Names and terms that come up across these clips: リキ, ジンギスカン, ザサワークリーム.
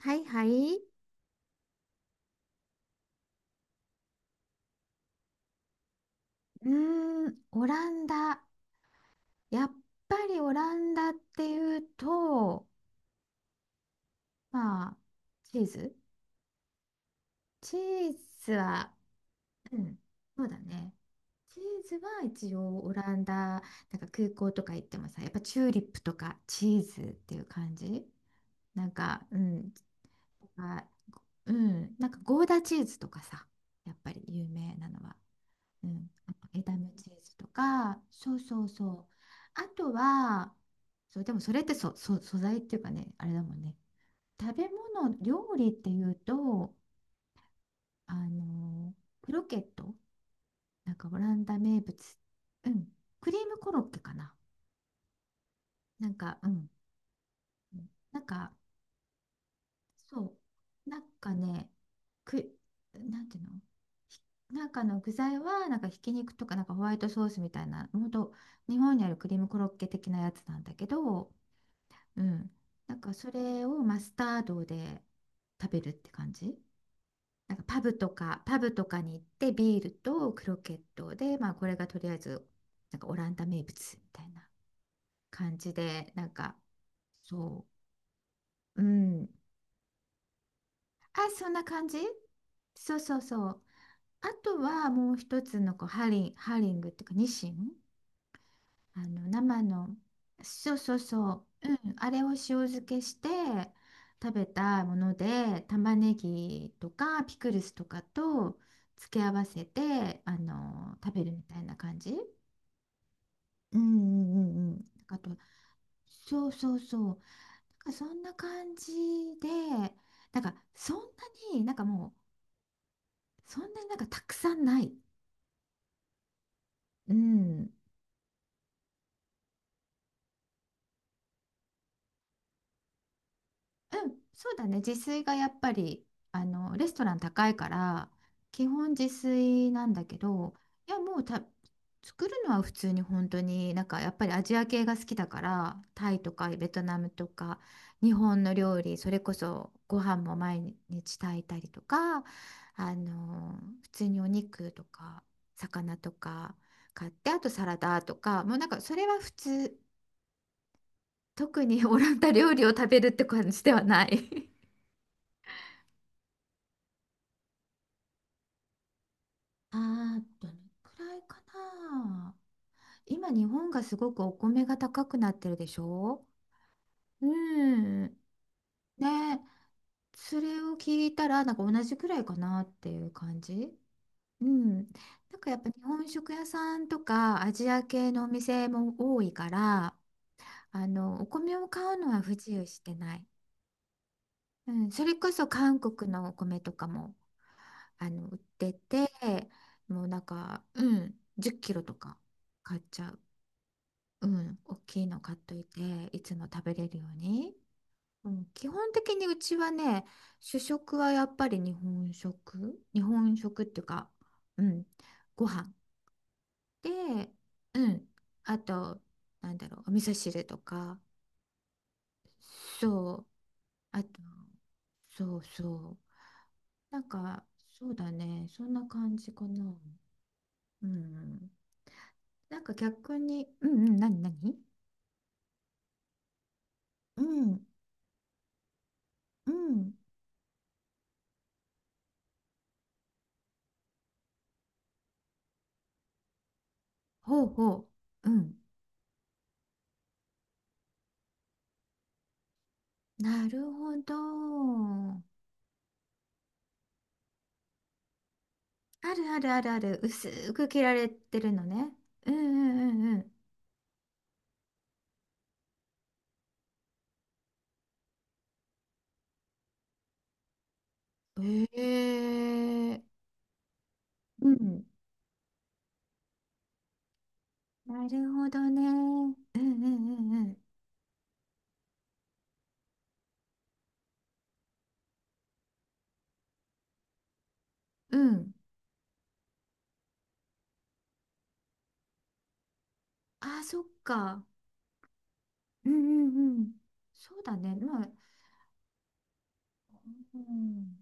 はいはい。うーオランダ。やっぱりオランダっていうと、まあ、チーズチーズは、うん、そうだね。チーズは一応オランダ、なんか空港とか行ってもさ、やっぱチューリップとかチーズっていう感じ。なんか、うん、あ、うん、なんかゴーダチーズとかさ、やっぱり有名なのは。うん、あとエダムチーズとか、そうそうそう。あとは、そう、でもそれって素材っていうかね、あれだもんね。食べ物、料理っていうと、あの、クロケット、なんかオランダ名物、うん、クリームコロッケかな。なんか、うん、なんかそう。なんかね、く、なんていうの、ひなんかの具材は、なんかひき肉とか、なんかホワイトソースみたいな、ほんと、日本にあるクリームコロッケ的なやつなんだけど、うん。なんかそれをマスタードで食べるって感じ。なんかパブとかに行ってビールとクロケットで、まあこれがとりあえず、なんかオランダ名物みたいな感じで、なんか、そう。うん、あ、そんな感じ。そうそうそう。あとはもう一つのこうハリングっていうかニシン、あの生の、そうそうそう、うん、あれを塩漬けして食べたもので、玉ねぎとかピクルスとかと付け合わせてあの食べるみたいな感じ。うんうんうんうん、あと、そうそうそう、なんかそんな感じで、なんかそんなに、なんかもうそんなになんかたくさんない。うん。うん、そうだね。自炊がやっぱり、あの、レストラン高いから、基本自炊なんだけど、いや、もうた、作るのは普通に本当に、なんかやっぱりアジア系が好きだから、タイとかベトナムとか、日本の料理、それこそご飯も毎日炊いたりとか、あの、普通にお肉とか、魚とか買って、あとサラダとか、もうなんかそれは普通。特にオランダ料理を食べるって感じではない。 ああ、どのくらいかな。今、日本がすごくお米が高くなってるでしょ。うん。ね、それを聞いたら、なんか同じくらいかなっていう感じ。うん。なんかやっぱ日本食屋さんとかアジア系のお店も多いから、あの、お米を買うのは不自由してない。うん、それこそ韓国のお米とかもあの売ってて、もうなんか、うん、10キロとか買っちゃう、うん、大きいの買っといて、いつも食べれるように、うん、基本的にうちはね、主食はやっぱり日本食、日本食っていうか、うん、ご飯で、うん、あと、なんだろう、お味噌汁とか、そう、あと、そうそう、なんか、そうだね。そんな感じかな。うん。なんか逆に、うんうん、なになに。うん、うん。ほうほう。うん。なるほど。あるあるあるある。薄く切られてるのね。うんうんうんうん。ええ、うん。なるほどね。うんうんうんうん。うん。あ、そっか。うんうんうん。そうだね。まあ、うん。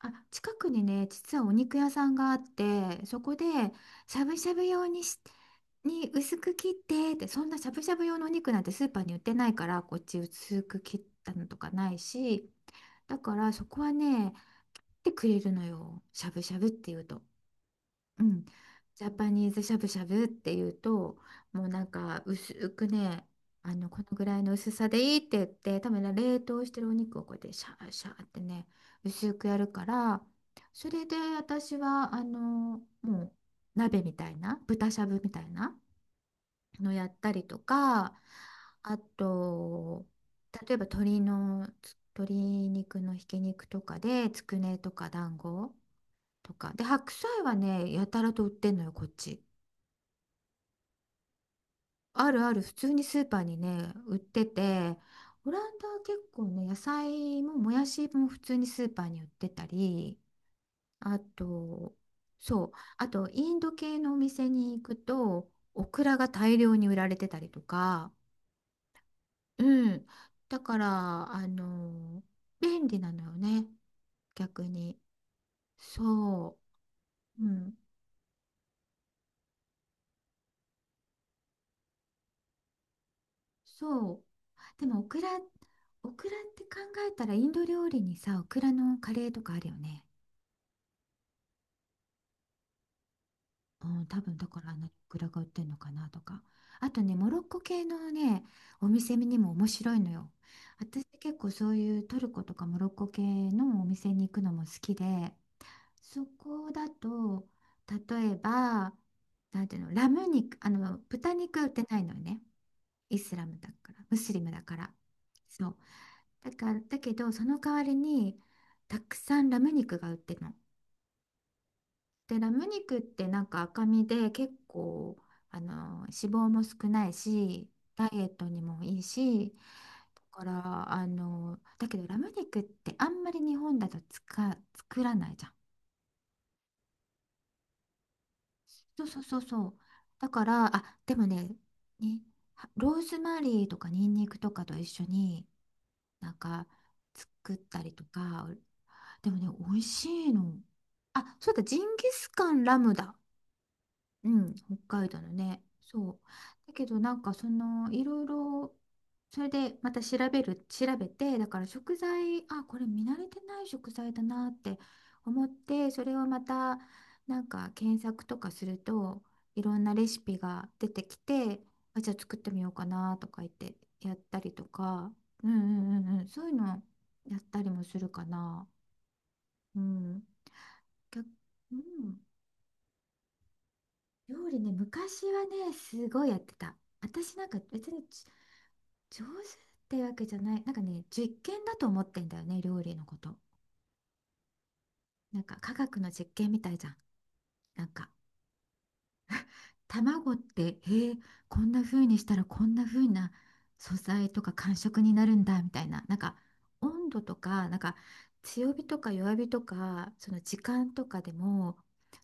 あ、近くにね、実はお肉屋さんがあって、そこで、しゃぶしゃぶ用にに薄く切って、って、そんなしゃぶしゃぶ用のお肉なんてスーパーに売ってないから、こっち薄く切ったのとかないし、だからそこはね、来てくれるのよ。しゃぶしゃぶっていうと。うん、ジャパニーズしゃぶしゃぶっていうと、もうなんか薄くね、あのこのぐらいの薄さでいいって言って、多分ね冷凍してるお肉をこうやってシャーシャーってね薄くやるから、それで私はあのもう鍋みたいな豚しゃぶみたいなのやったりとか、あと例えば鶏肉のひき肉とかでつくねとか団子とか。で、白菜はね、やたらと売ってんのよ、こっち。あるある、普通にスーパーにね、売ってて、オランダは結構ね、野菜ももやしも普通にスーパーに売ってたり、あと、そう、あと、インド系のお店に行くと、オクラが大量に売られてたりとか、うん。だから、あの、便利なのよね、逆に。そう。うん。そう。でもオクラって考えたら、インド料理にさ、オクラのカレーとかあるよね。うん、多分だから、あのオクラが売ってるのかなとか。あとね、モロッコ系のね、お店にも面白いのよ。私結構そういうトルコとかモロッコ系のお店に行くのも好きで、そこだと、例えば、なんていうの、ラム肉、あの、豚肉は売ってないのよね。イスラムだから、ムスリムだから。そう。だから、だけど、その代わりに、たくさんラム肉が売ってるの。で、ラム肉ってなんか赤身で結構、あの、脂肪も少ないし、ダイエットにもいいし、だから、あの、だけどラム肉ってあんまり日本だと作らないじゃん。そうそうそうそう。だから、あ、でもね、に、はローズマリーとかニンニクとかと一緒に、なんか作ったりとか、でもね、美味しいの。あ、そうだ、ジンギスカン、ラムだ。うん、北海道のね。そう。だけどなんかその、いろいろ、それでまた調べて、だから食材、あ、これ見慣れてない食材だなって思って、それをまたなんか検索とかすると、いろんなレシピが出てきて、あ、じゃあ作ってみようかなとか言ってやったりとか、うんうんうんうん、そういうのやったりもするかな。うん。がうん、料理ね、昔はね、すごいやってた。私なんか別に上手ってわけじゃない。なんかね、実験だと思ってんだよね、料理のこと。なんか科学の実験みたいじゃん。なんか卵って、ー、こんな風にしたらこんな風な素材とか感触になるんだみたいな。なんか温度とか、なんか強火とか弱火とか、その時間とかでも、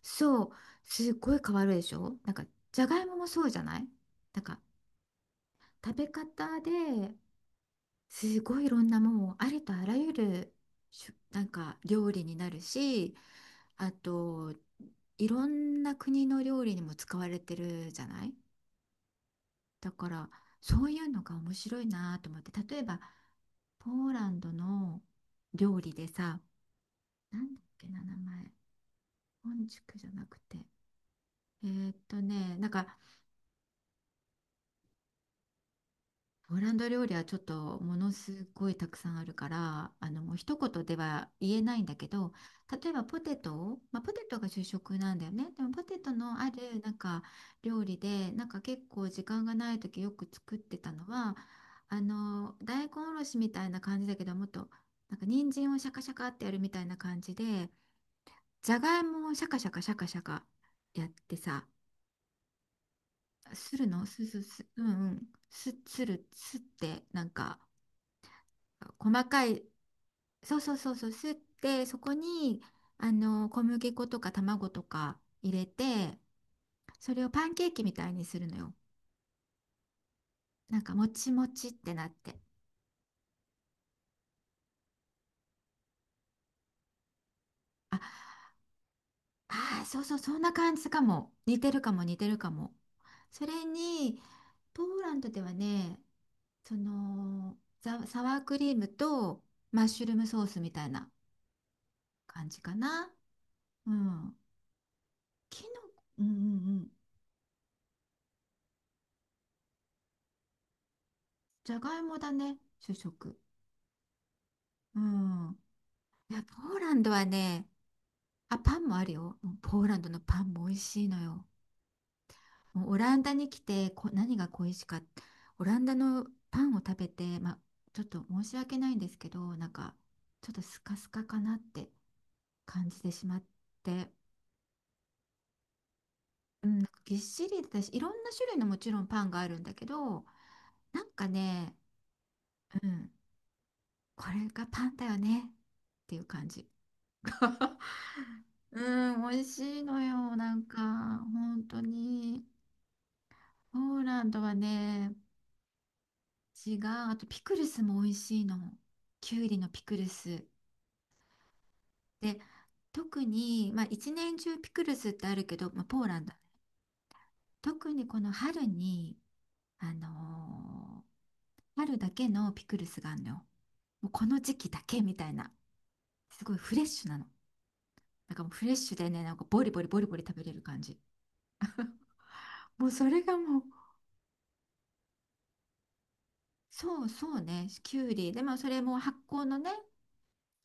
そう、すっごい変わるでしょ、なんかじゃがいももそうじゃない、なんか食べ方ですごいいろんな、もうありとあらゆる、なんか料理になるし、あといろんな国の料理にも使われてるじゃない。だからそういうのが面白いなと思って、例えばポーランドの料理でさ、なんだっけな、名前、本宿じゃなくて、ね、なんかポーランド料理はちょっとものすごいたくさんあるから、あのもう一言では言えないんだけど、例えばポテトを、まあ、ポテトが主食なんだよね。でもポテトのあるなんか料理で、なんか結構時間がない時よく作ってたのは、あの大根おろしみたいな感じだけど、もっとなんか人参をシャカシャカってやるみたいな感じで、じゃがいもをシャカシャカシャカシャカやってさ、するの、すすす、うんうん、すってなんか。細かい、そうそうそうそう、すって、そこにあの小麦粉とか卵とか入れて、それをパンケーキみたいにするのよ。なんかもちもちってなって、ああー、そうそう、そんな感じかも、似てるかも、似てるかも。それにポーランドではね、その、サワークリームとマッシュルームソースみたいな感じかな。うん、きのうんうんうん、じゃがいもだね、主食。うん、いや、ポーランドはね、あ、パンもあるよ。もうポーランドのパンも美味しいのよ。もうオランダに来て何が恋しかった。オランダのパンを食べて、まあ、ちょっと申し訳ないんですけど、なんか、ちょっとスカスカかなって感じてしまって、うん、なんかぎっしりだし、いろんな種類のもちろんパンがあるんだけど、なんかね、うん、これがパンだよねっていう感じ。うん、美味しいのよ。なんか、本当に。ポーランドはね、違う。あとピクルスも美味しいの。きゅうりのピクルス。で、特に、まあ一年中ピクルスってあるけど、まあ、ポーランド。特にこの春に、あのー春だけのピクルスがあるのよ。もうこの時期だけみたいな。すごいフレッシュなの。なんかもうフレッシュでね、なんかボリボリボリボリ食べれる感じ。もうそれがもう、そうそうね、きゅうり。で、まあそれも発酵のね、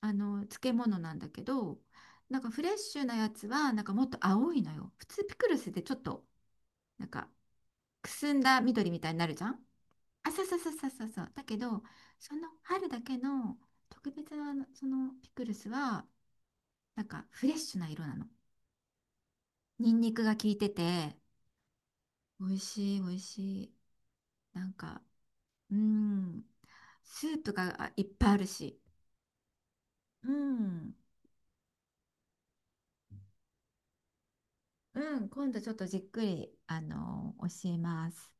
あの漬物なんだけど、なんかフレッシュなやつはなんかもっと青いのよ。普通ピクルスでちょっとなんかくすんだ緑みたいになるじゃん。あ、そうそうそうそうそう、そうだけど、その春だけの特別なあのそのピクルスはなんかフレッシュな色なの。ニンニクが効いてて美味しい、美味しい、なんか、うんスープがいっぱいあるし、うんうん、今度ちょっとじっくりあの教えます。